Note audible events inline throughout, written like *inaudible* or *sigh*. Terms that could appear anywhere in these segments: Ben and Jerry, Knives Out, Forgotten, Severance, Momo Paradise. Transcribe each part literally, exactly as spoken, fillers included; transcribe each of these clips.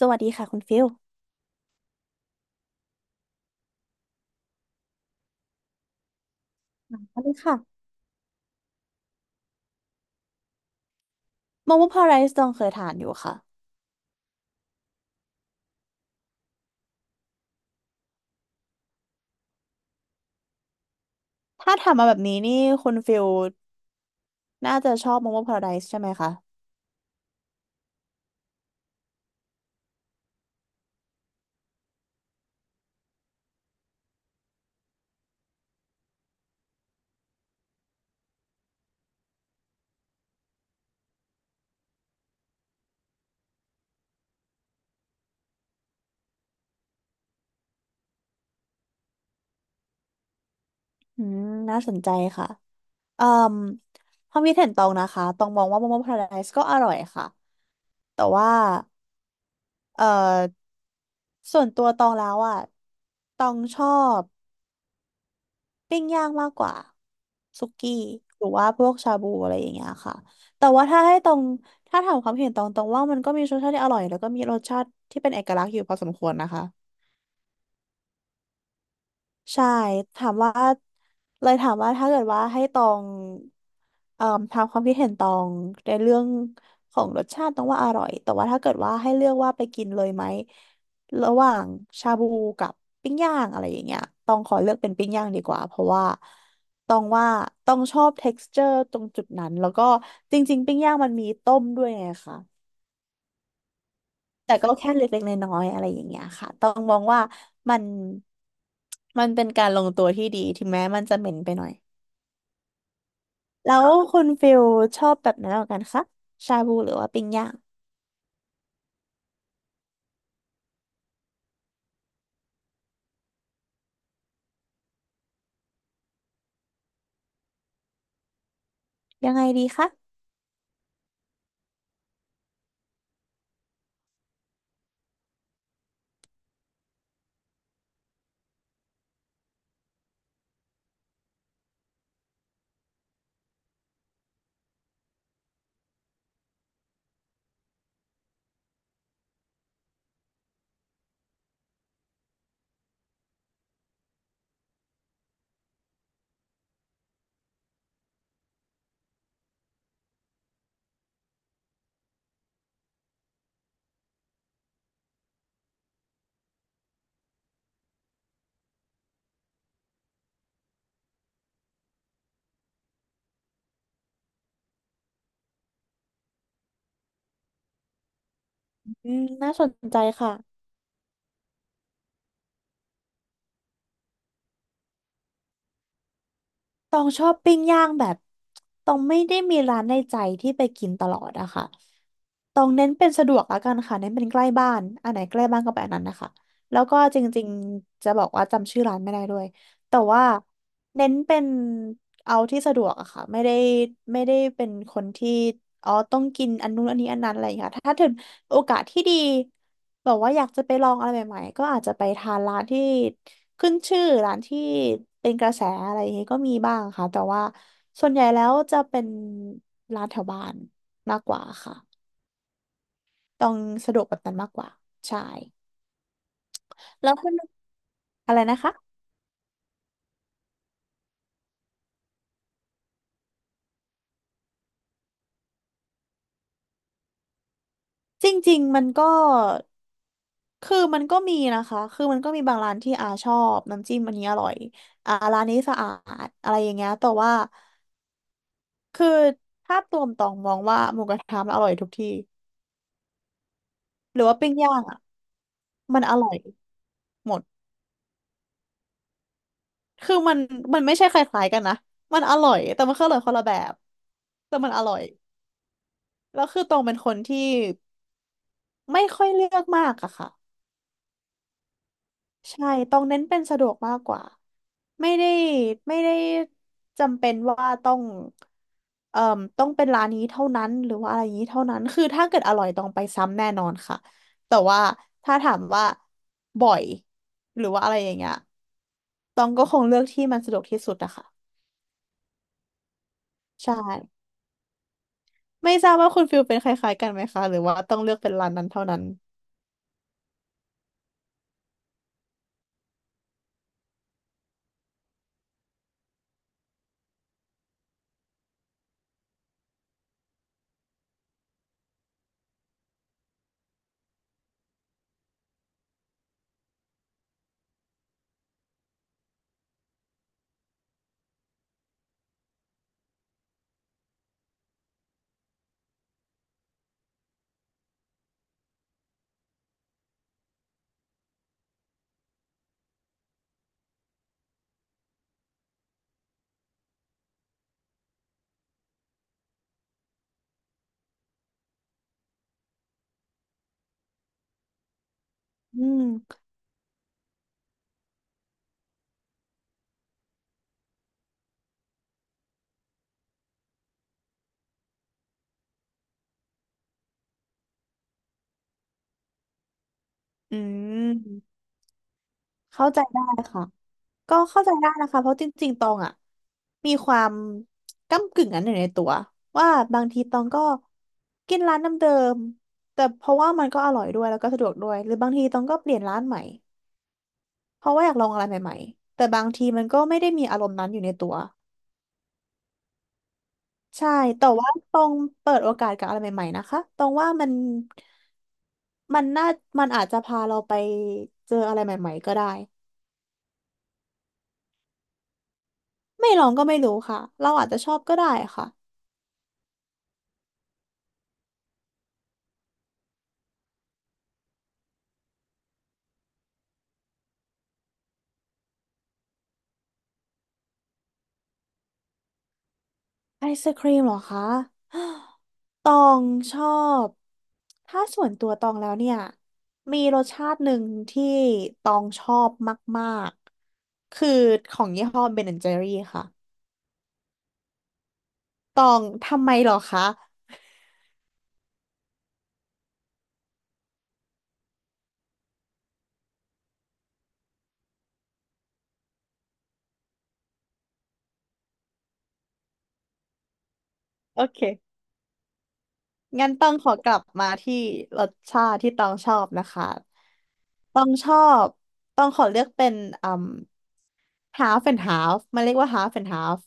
สวัสดีค่ะคุณฟิลสวัสดีค่ะโมโมพาราไดซ์ตองเคยทานอยู่ค่ะถ้าทำมมาแบบนี้นี่คุณฟิลน่าจะชอบโมโมพาราไดซ์ใช่ไหมคะอืมน่าสนใจค่ะเอ่มความคิดเห็นตองนะคะตองมองว่าโมโมพาราไดซ์ก็อร่อยค่ะแต่ว่าเอ่อส่วนตัวตองแล้วอ่ะตองชอบ ปิ้งย่างมากกว่าสุกี้หรือว่าพวกชาบูอะไรอย่างเงี้ยค่ะแต่ว่าถ้าให้ตรงถ้าถามความเห็นตรงตรงว่ามันก็มีรสชาติที่อร่อยแล้วก็มีรสชาติที่เป็นเอกลักษณ์อยู่พอสมควรนะคะ ใช่ถามว่าเลยถามว่าถ้าเกิดว่าให้ตองเอ่อถามความคิดเห็นตองในเรื่องของรสชาติต้องว่าอร่อยแต่ว่าถ้าเกิดว่าให้เลือกว่าไปกินเลยไหมระหว่างชาบูกับปิ้งย่างอะไรอย่างเงี้ยต้องขอเลือกเป็นปิ้งย่างดีกว่าเพราะว่าต้องว่าต้องชอบเท็กซ์เจอร์ตรงจุดนั้นแล้วก็จริงๆปิ้งย่างมันมีต้มด้วยไงคะ แต่ก็แค่เล็กๆน้อยๆอะไรอย่างเงี้ยค่ะ ต้องมองว่ามันมันเป็นการลงตัวที่ดีถึงแม้มันจะเหม็นไปหน่อย แล้วคุณฟิลชอบแบบไหนมากกว่ากันคะชาบูหรือว่าปิ้งย่างยังไงดีคะอืมน่าสนใจค่ะ ตองชอบปิ้งย่างแบบตองไม่ได้มีร้านในใจที่ไปกินตลอดอะค่ะตองเน้นเป็นสะดวกแล้วกันค่ะเน้นเป็นใกล้บ้านอันไหนใกล้บ้านก็ไปอันนั้นนะคะแล้วก็จริงๆจะบอกว่าจำชื่อร้านไม่ได้ด้วยแต่ว่าเน้นเป็นเอาที่สะดวกอะค่ะไม่ได้ไม่ได้เป็นคนที่อ๋อต้องกินอันนู้นอันนี้อันนั้นอะไรอย่างเงี้ยค่ะถ้าถึงโอกาสที่ดี แบบว่าอยากจะไปลองอะไรใหม่ๆก็อาจจะไปทานร้านที่ขึ้นชื่อร้านที่เป็นกระแสอะไรอย่างงี้ก็มีบ้างค่ะแต่ว่าส่วนใหญ่แล้วจะเป็นร้านแถวบ้านมากกว่าค่ะต้องสะดวกแบบนั้นมากกว่าใช่แล้วคุณอะไรนะคะจริงๆมันก็คือมันก็มีนะคะคือมันก็มีบางร้านที่อาชอบน้ำจิ้มอันนี้อร่อยอ่าร้านนี้สะอาดอะไรอย่างเงี้ยแต่ว่าคือภาพรวมตองมองว่าหมูกระทะมันอร่อยทุกที่หรือว่าปิ้งย่าง มันอร่อยหมด คือมันมันไม่ใช่คล้ายๆกันนะ มันอร่อยแต่มันก็ออร่อยคนละแบบแต่มันอร่อยแล้วคือตองเป็นคนที่ไม่ค่อยเลือกมากอะค่ะใช่ตองเน้นเป็นสะดวกมากกว่า ไม่ได้ไม่ได้จำเป็นว่าต้องเอ่อต้องเป็นร้านนี้เท่านั้นหรือว่าอะไรอย่างนี้เท่านั้นคือถ้าเกิดอร่อยต้องไปซ้ำแน่นอนค่ะแต่ว่าถ้าถามว่าบ่อยหรือว่าอะไรอย่างเงี้ยตองก็คงเลือกที่มันสะดวกที่สุดอะค่ะ ใช่ไม่ทราบว่าคุณฟิลเป็นคล้ายๆกันไหมคะหรือว่าต้องเลือกเป็นร้านนั้นเท่านั้นอืมอืมเข้าใจได้ค่ะก็เข้าใจได้นะคะเพราะจริงๆตองอ่ะมีความก้ำกึ่งนั้นอยู่ในตัวว่าบางทีตองก็กินร้านเดิมๆแต่เพราะว่ามันก็อร่อยด้วยแล้วก็สะดวกด้วยหรือบางทีตองก็เปลี่ยนร้านใหม่เพราะว่าอยากลองอะไรใหม่ๆแต่บางทีมันก็ไม่ได้มีอารมณ์นั้นอยู่ในตัวใช่แต่ว่าตองเปิดโอกาสกับอะไรใหม่ๆนะคะตองว่ามัน มันน่ามันอาจจะพาเราไปเจออะไรใหม่ๆก็ได้ไม่ลองก็ไม่รู้ค่ะเราอาจจะชอบก็ได้ค่ะไอศครีมเหรอคะ *gasps* ตองชอบถ้าส่วนตัวตองแล้วเนี่ยมีรสชาติหนึ่งที่ตองชอบมากๆคือของยี่ห้อเบนแอนด์เจอรี่ค่ะตองทำไมเหรอคะโอเคงั้นต้องขอกลับมาที่รสชาติที่ต้องชอบนะคะต้องชอบต้องขอเลือกเป็น half and half มันเรียกว่า half and half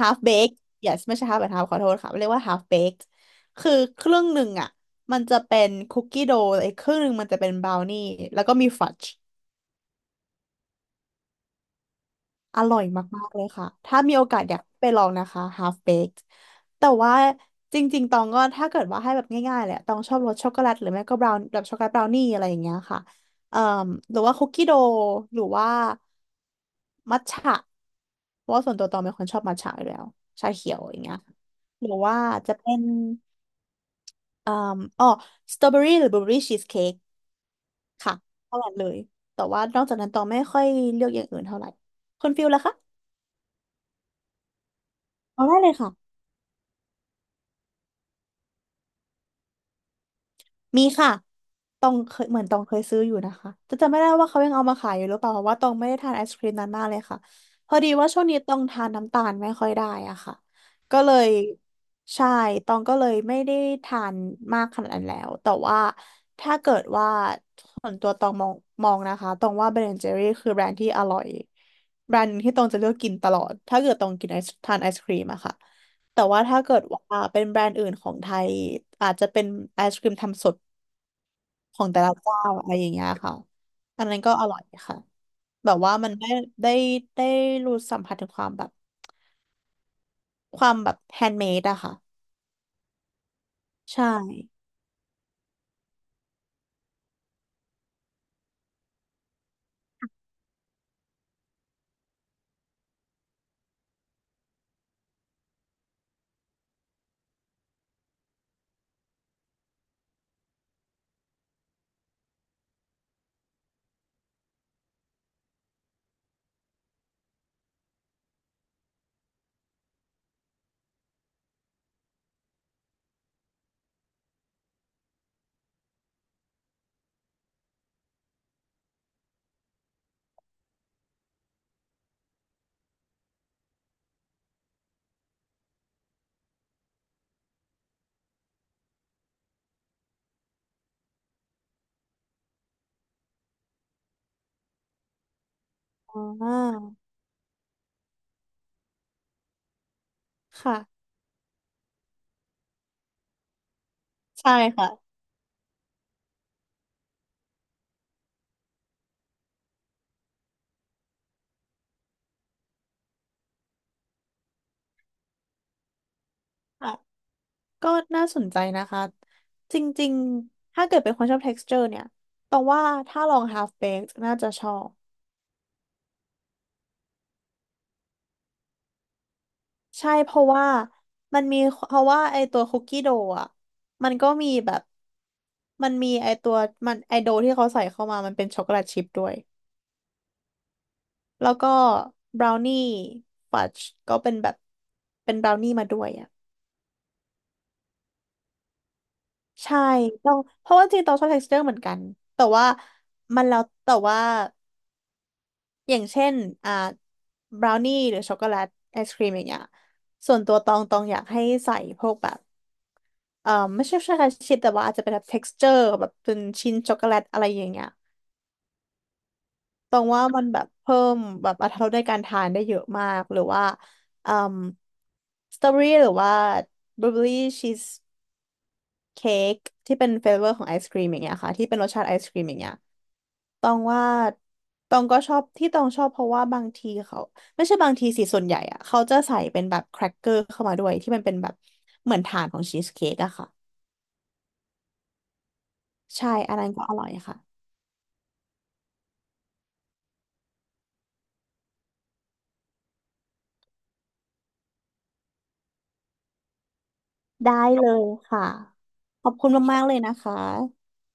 half baked yes ไม่ใช่ half and half ขอโทษค่ะมันเรียกว่า half baked คือครึ่งหนึ่งอ่ะมันจะเป็นคุกกี้โดว์อีกครึ่งหนึ่งมันจะเป็นบราวนี่แล้วก็มีฟัดจ์อร่อยมากๆเลยค่ะถ้ามีโอกาสอยากไปลองนะคะ half baked แต่ว่าจริงๆตองก็ถ้าเกิดว่าให้แบบง่ายๆแหละตองชอบรสช็อกโกแลตหรือไม่ก็บราวน์แบบช็อกโกแลตบราวนี่อะไรอย่างเงี้ยค่ะเอ่อหรือว่าคุกกี้โดว์หรือว่ามัทฉะ เพราะว่าส่วนตัวตองเป็นคนชอบมัทฉะอยู่แล้วชาเขียวอย่างเงี้ยหรือว่าจะเป็นอ่ออ๋อสตรอเบอรี่หรือบลูเบอรี่ชีสเค้กค่ะเท่านั้นเลยแต่ว่านอกจากนั้นตองไม่ค่อยเลือกอย่างอื่นเท่าไหร่คุณฟิลล่ะคะเอาได้เลยค่ะ มีค่ะตองเคยเหมือนตองเคยซื้ออยู่นะคะจะจำไม่ได้ว่าเขายังเอามาขายอยู่หรือเปล่าเพราะว่าตองไม่ได้ทานไอศครีมนั้นมากเลยค่ะพอดีว่าช่วงนี้ตองทานน้ำตาลไม่ค่อยได้อะค่ะก็เลยใช่ตองก็เลยไม่ได้ทานมากขนาดนั้นแล้วแต่ว่าถ้าเกิดว่าส่วนตัวตองมองมองนะคะตองว่า เบน แอนด์ เจอรี่ คือแบรนด์ที่อร่อยแบรนด์หนึ่งที่ตองจะเลือกกินตลอดถ้าเกิดตองกินไอศทานไอศครีมอะค่ะแต่ว่าถ้าเกิดว่าเป็นแบรนด์อื่นของไทยอาจจะเป็นไอศครีมทำสด ของแต่ละเจ้าอะไรอย่างเงี้ยค่ะ อันนั้นก็อร่อยค่ะแบบว่ามันได้ได้ได้รู้สัมผัสถึงความแบบความแบบแฮนด์เมดอะค่ะใช่อ่าค่ะ ใช่ค่ะอ่ะ ก็น่าสนใจนะคะ จริงๆ ถ้าเกิดเป็นคนชอบ texture เนี่ยต้องว่าถ้าลอง ฮาล์ฟเบค น่าจะชอบ ใช่เพราะว่ามันมีเพราะว่าไอตัวคุกกี้โดอ่ะมันก็มีแบบ มันมีไอตัวมันไอโดที่เขาใส่เข้ามามันเป็นช็อกโกแลตชิพด้วย แล้วก็บราวนี่ฟัดจ์ก็เป็นแบบเป็นบราวนี่มาด้วยอ่ะใช่ต้องเพราะว่าจริงๆต้องชอบ texture เหมือนกันแต่ว่ามันแล้วแต่ว่าอย่างเช่นอ่าบราวนี่หรือช็อกโกแลตไอศครีมอย่างเงี้ยส่วนตัวตองตองอยากให้ใส่พวกแบบเอ่อไม่ใช่ใช่แค่ชิ้นแต่ว่าอาจจะเป็นแบบ texture แบบเป็นชิ้นช็อกโกแลตอะไรอย่างเงี้ย ตรงว่ามันแบบเพิ่มแบบอรรถรสในการทานได้เยอะมากหรือว่าอืมสตรอเบอรี่หรือว่าบลูเบอรี่ชีสเค้กที่เป็นเฟเวอร์ของไอศกรีมอย่างเงี้ยค่ะที่เป็นรสชาติไอศกรีมอย่างเงี้ยตองว่าตองก็ชอบที่ตองชอบเพราะว่าบางทีเขาไม่ใช่บางทีสิส่วนใหญ่อะเขาจะใส่เป็นแบบแครกเกอร์เข้ามาด้วยที่มันเป็นแบบเหมือนฐานของชีสเค้กอะค่ะใช่อันนั้นก็อร่อยค่ะได้เลยค่ะขอบคุณมากๆเลยนะคะ